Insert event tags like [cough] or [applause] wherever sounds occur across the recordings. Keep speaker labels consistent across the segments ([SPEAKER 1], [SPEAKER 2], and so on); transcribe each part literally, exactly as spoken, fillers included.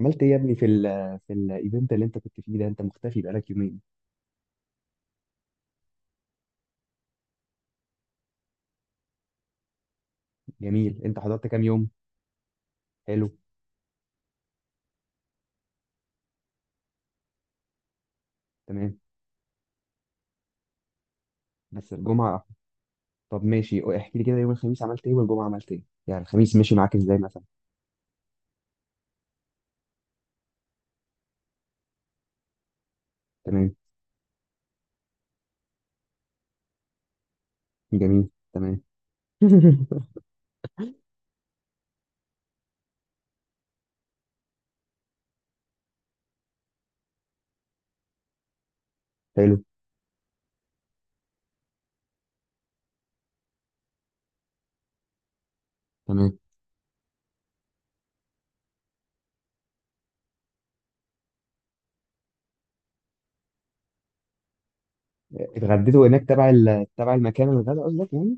[SPEAKER 1] عملت ايه يا ابني في ال في الايفنت اللي انت كنت فيه ده، انت مختفي بقالك يومين؟ جميل. انت حضرت كام يوم؟ حلو. تمام. بس الجمعة. طب ماشي، احكي لي كده، يوم الخميس عملت ايه والجمعة عملت ايه؟ يعني الخميس مشي معاك ازاي مثلا؟ تمام. جميل. تمام. [laughs] حلو. تمام. اتغديتوا هناك تبع ال- تبع المكان، الغدا قصدك يعني؟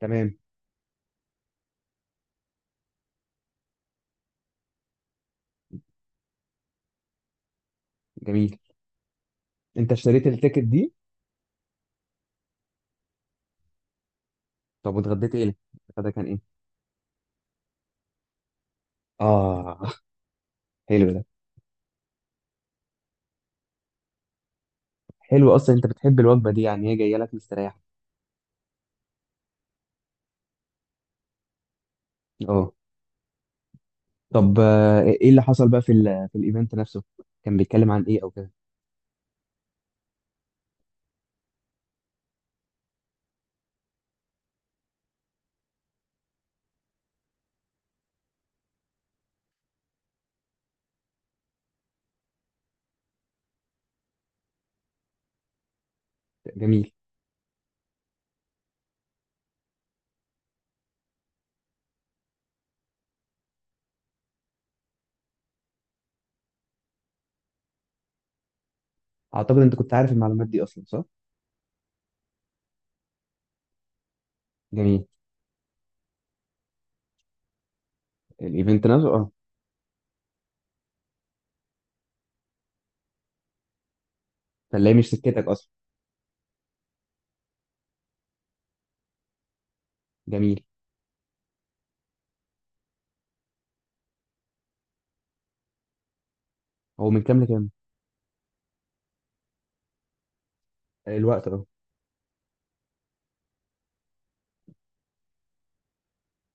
[SPEAKER 1] تمام. جميل. انت اشتريت التيكت دي؟ طب واتغديت ايه؟ الغدا كان ايه؟ اه، حلو ده. حلو، اصلا انت بتحب الوجبة دي، يعني هي جاية لك مستريح. اه. طب، آه، ايه اللي حصل بقى في ال في الايفنت نفسه؟ كان بيتكلم عن ايه او كده؟ جميل. اعتقد انت كنت عارف المعلومات دي اصلا، صح؟ جميل. الايفنت نفسه، اه. فاللي مش سكتك اصلا. جميل. هو من كام لكام؟ الوقت، اه.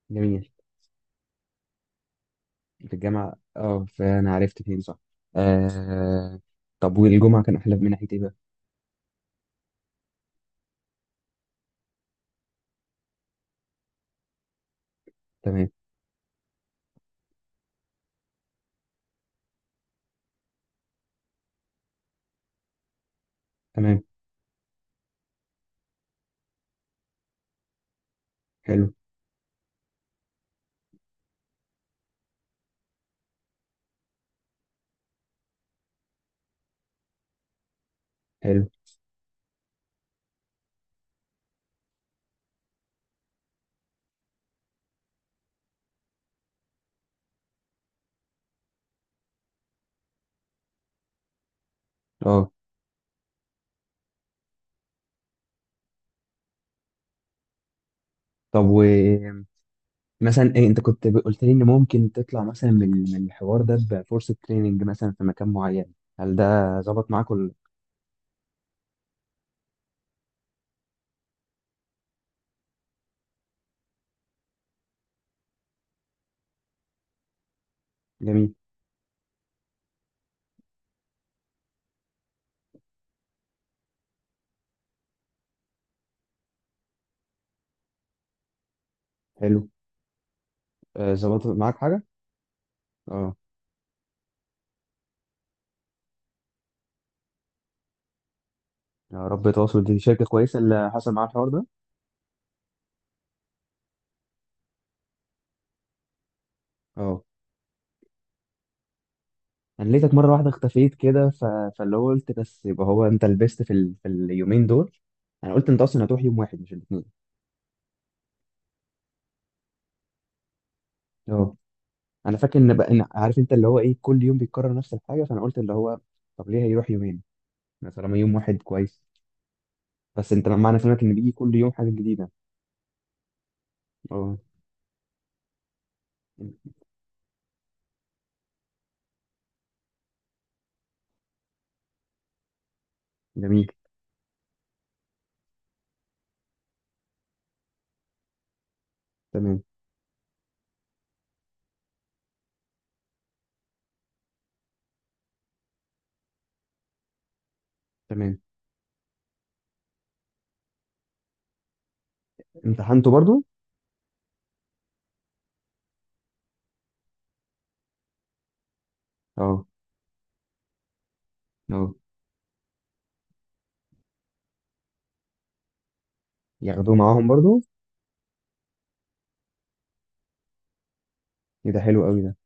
[SPEAKER 1] جميل، في الجامعه، اه، فانا عرفت فين، صح. آه. طب والجمعه كان احلى من ناحيه ايه بقى؟ تمام. تمام. حلو. حلو. اه. طب، ومثلا إيه؟ انت كنت قلت لي ان ممكن تطلع مثلا من من الحوار ده بفرصه تريننج مثلا في مكان معين، هل ده ظبط معاك؟ جميل. حلو. آه، ظبطت معاك حاجة؟ اه. يا رب تواصل، دي شركة كويسة اللي حصل معاها الحوار ده. اه. انا لقيتك مرة واحدة اختفيت كده، ف... فاللي هو قلت بس، يبقى هو انت لبست في, ال... في اليومين دول. انا قلت انت اصلا هتروح يوم واحد، مش الاثنين. اه، انا فاكر ان بقى، إن عارف انت اللي هو ايه، كل يوم بيتكرر نفس الحاجة، فانا قلت اللي هو طب ليه هيروح يومين؟ ما طالما يوم واحد كويس. بس انت معنى كلامك ان بيجي كل يوم حاجة جديدة. اه. جميل. تمام. تمام. امتحنته برضو؟ اه. اه. ياخدوه معاهم برضو؟ إيه ده حلو قوي ده.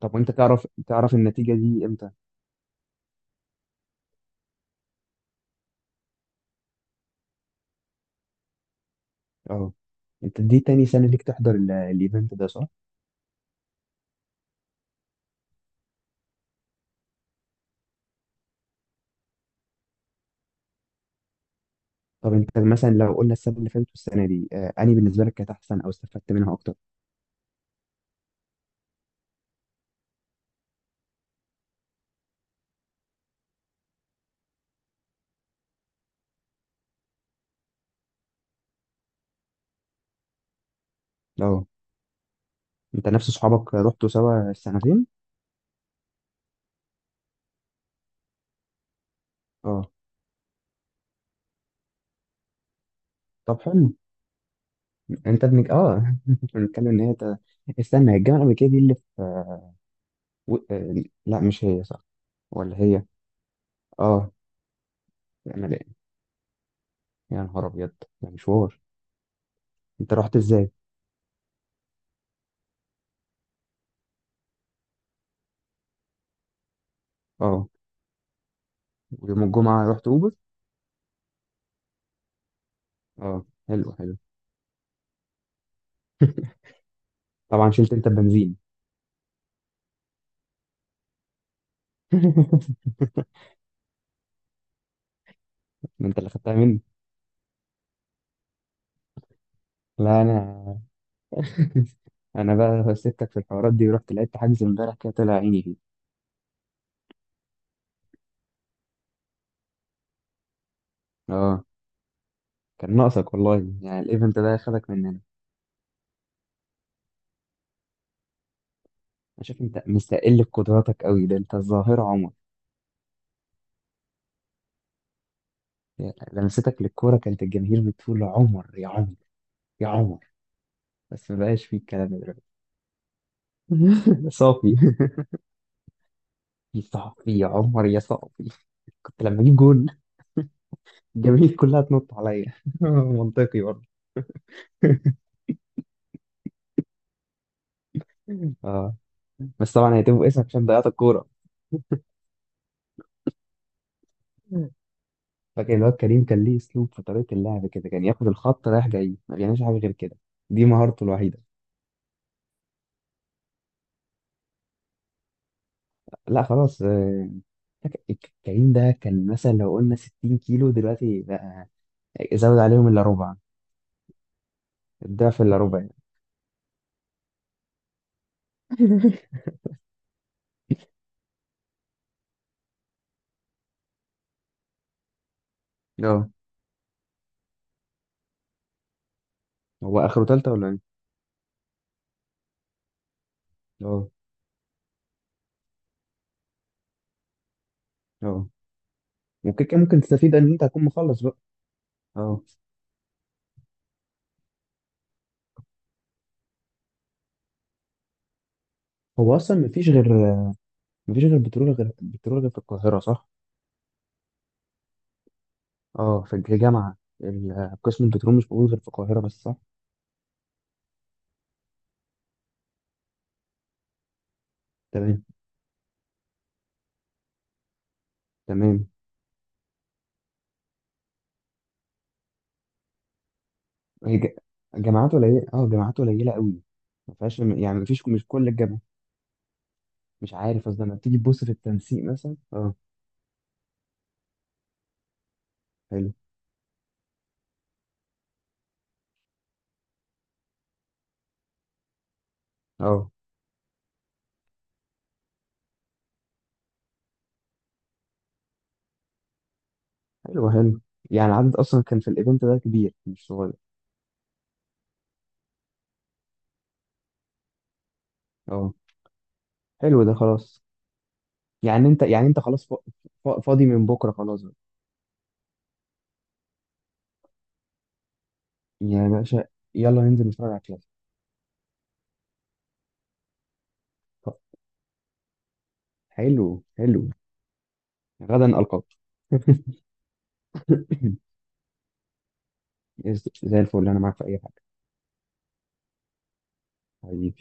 [SPEAKER 1] طب، وانت تعرف تعرف النتيجة دي امتى؟ اه. انت دي تاني سنة ليك تحضر ال- الايفنت ده، صح؟ طب، انت مثلا لو قلنا السنة اللي فاتت والسنة دي، آه انهي بالنسبة لك كانت احسن او استفدت منها اكتر؟ اه. انت نفس صحابك رحتوا سوا السنتين؟ اه. طب، حلو. انت ابنك، اه. [laughs] بنتكلم ان هي ت- استنى، هي الجامعة الأمريكية دي اللي في، آه، و... آه، لا، مش هي، صح؟ ولا هي؟ اه. انا، لا. يا نهار ابيض، ده مشوار. انت رحت ازاي؟ اه. ويوم الجمعة رحت اوبر؟ اه، حلو حلو. طبعا شلت انت البنزين. [laughs] ما انت اللي خدتها مني. لا انا. [laughs] انا بقى سبتك في الحوارات دي ورحت لعبت حجز امبارح، كده طلع عيني فيه. اه. كان ناقصك والله، يعني الايفنت ده خدك مننا انا. شايف انت مستقل بقدراتك قوي، ده انت الظاهرة عمر. يعني لمستك للكورة كانت الجماهير بتقول عمر يا عمر، يا عمر. بس ما بقاش فيه الكلام ده دلوقتي. [laughs] صافي. [laughs] يا صافي يا عمر يا صافي. كنت لما اجيب جول، الجماهير كلها تنط عليا. [laughs] منطقي برضه. اه. بس طبعا هيتم اسمك عشان ضيعت الكوره. مم. فاكر الواد كريم؟ كان ليه اسلوب في طريقه اللعب كده، كان ياخد الخط رايح جاي، ما بيعملش حاجه غير كده، دي مهارته الوحيده. لا خلاص. آه، فاكر- كريم ده كان مثلا لو قلنا ستين كيلو دلوقتي بقى، زود عليهم الا ربع. الضعف الا ربع يعني. [laughs] اه. هو اخره تالتة ولا ايه؟ اه. اه. ممكن كان ممكن تستفيد ان انت هتكون مخلص بقى. اه. هو اصلا مفيش غير مفيش غير بترول غير بترول غير في القاهرة، صح؟ اه. في، هي جامعة، ال- قسم البترول مش موجود غير في القاهرة بس، صح؟ تمام. تمام. هي ج- جامعات قليلة، اه، جامعات قليلة قوي. ما فيهاش يعني، ما فيش مش كل الجامعة. مش عارف، اصل لما تيجي تبص في التنسيق مثلا، اه. حلو. اه. حلو. حلو. يعني العدد اصلا كان في الايفنت ده كبير، مش صغير. اه. حلو ده، خلاص. يعني انت يعني انت خلاص فا- فا- فاضي من بكرة، خلاص بقى. يا باشا. يلا ننزل نتفرج على الكلاسيكو. طب، حلو حلو. غدا القاك. [laughs] زي الفل، انا معاك في اي حاجة. حبيبي.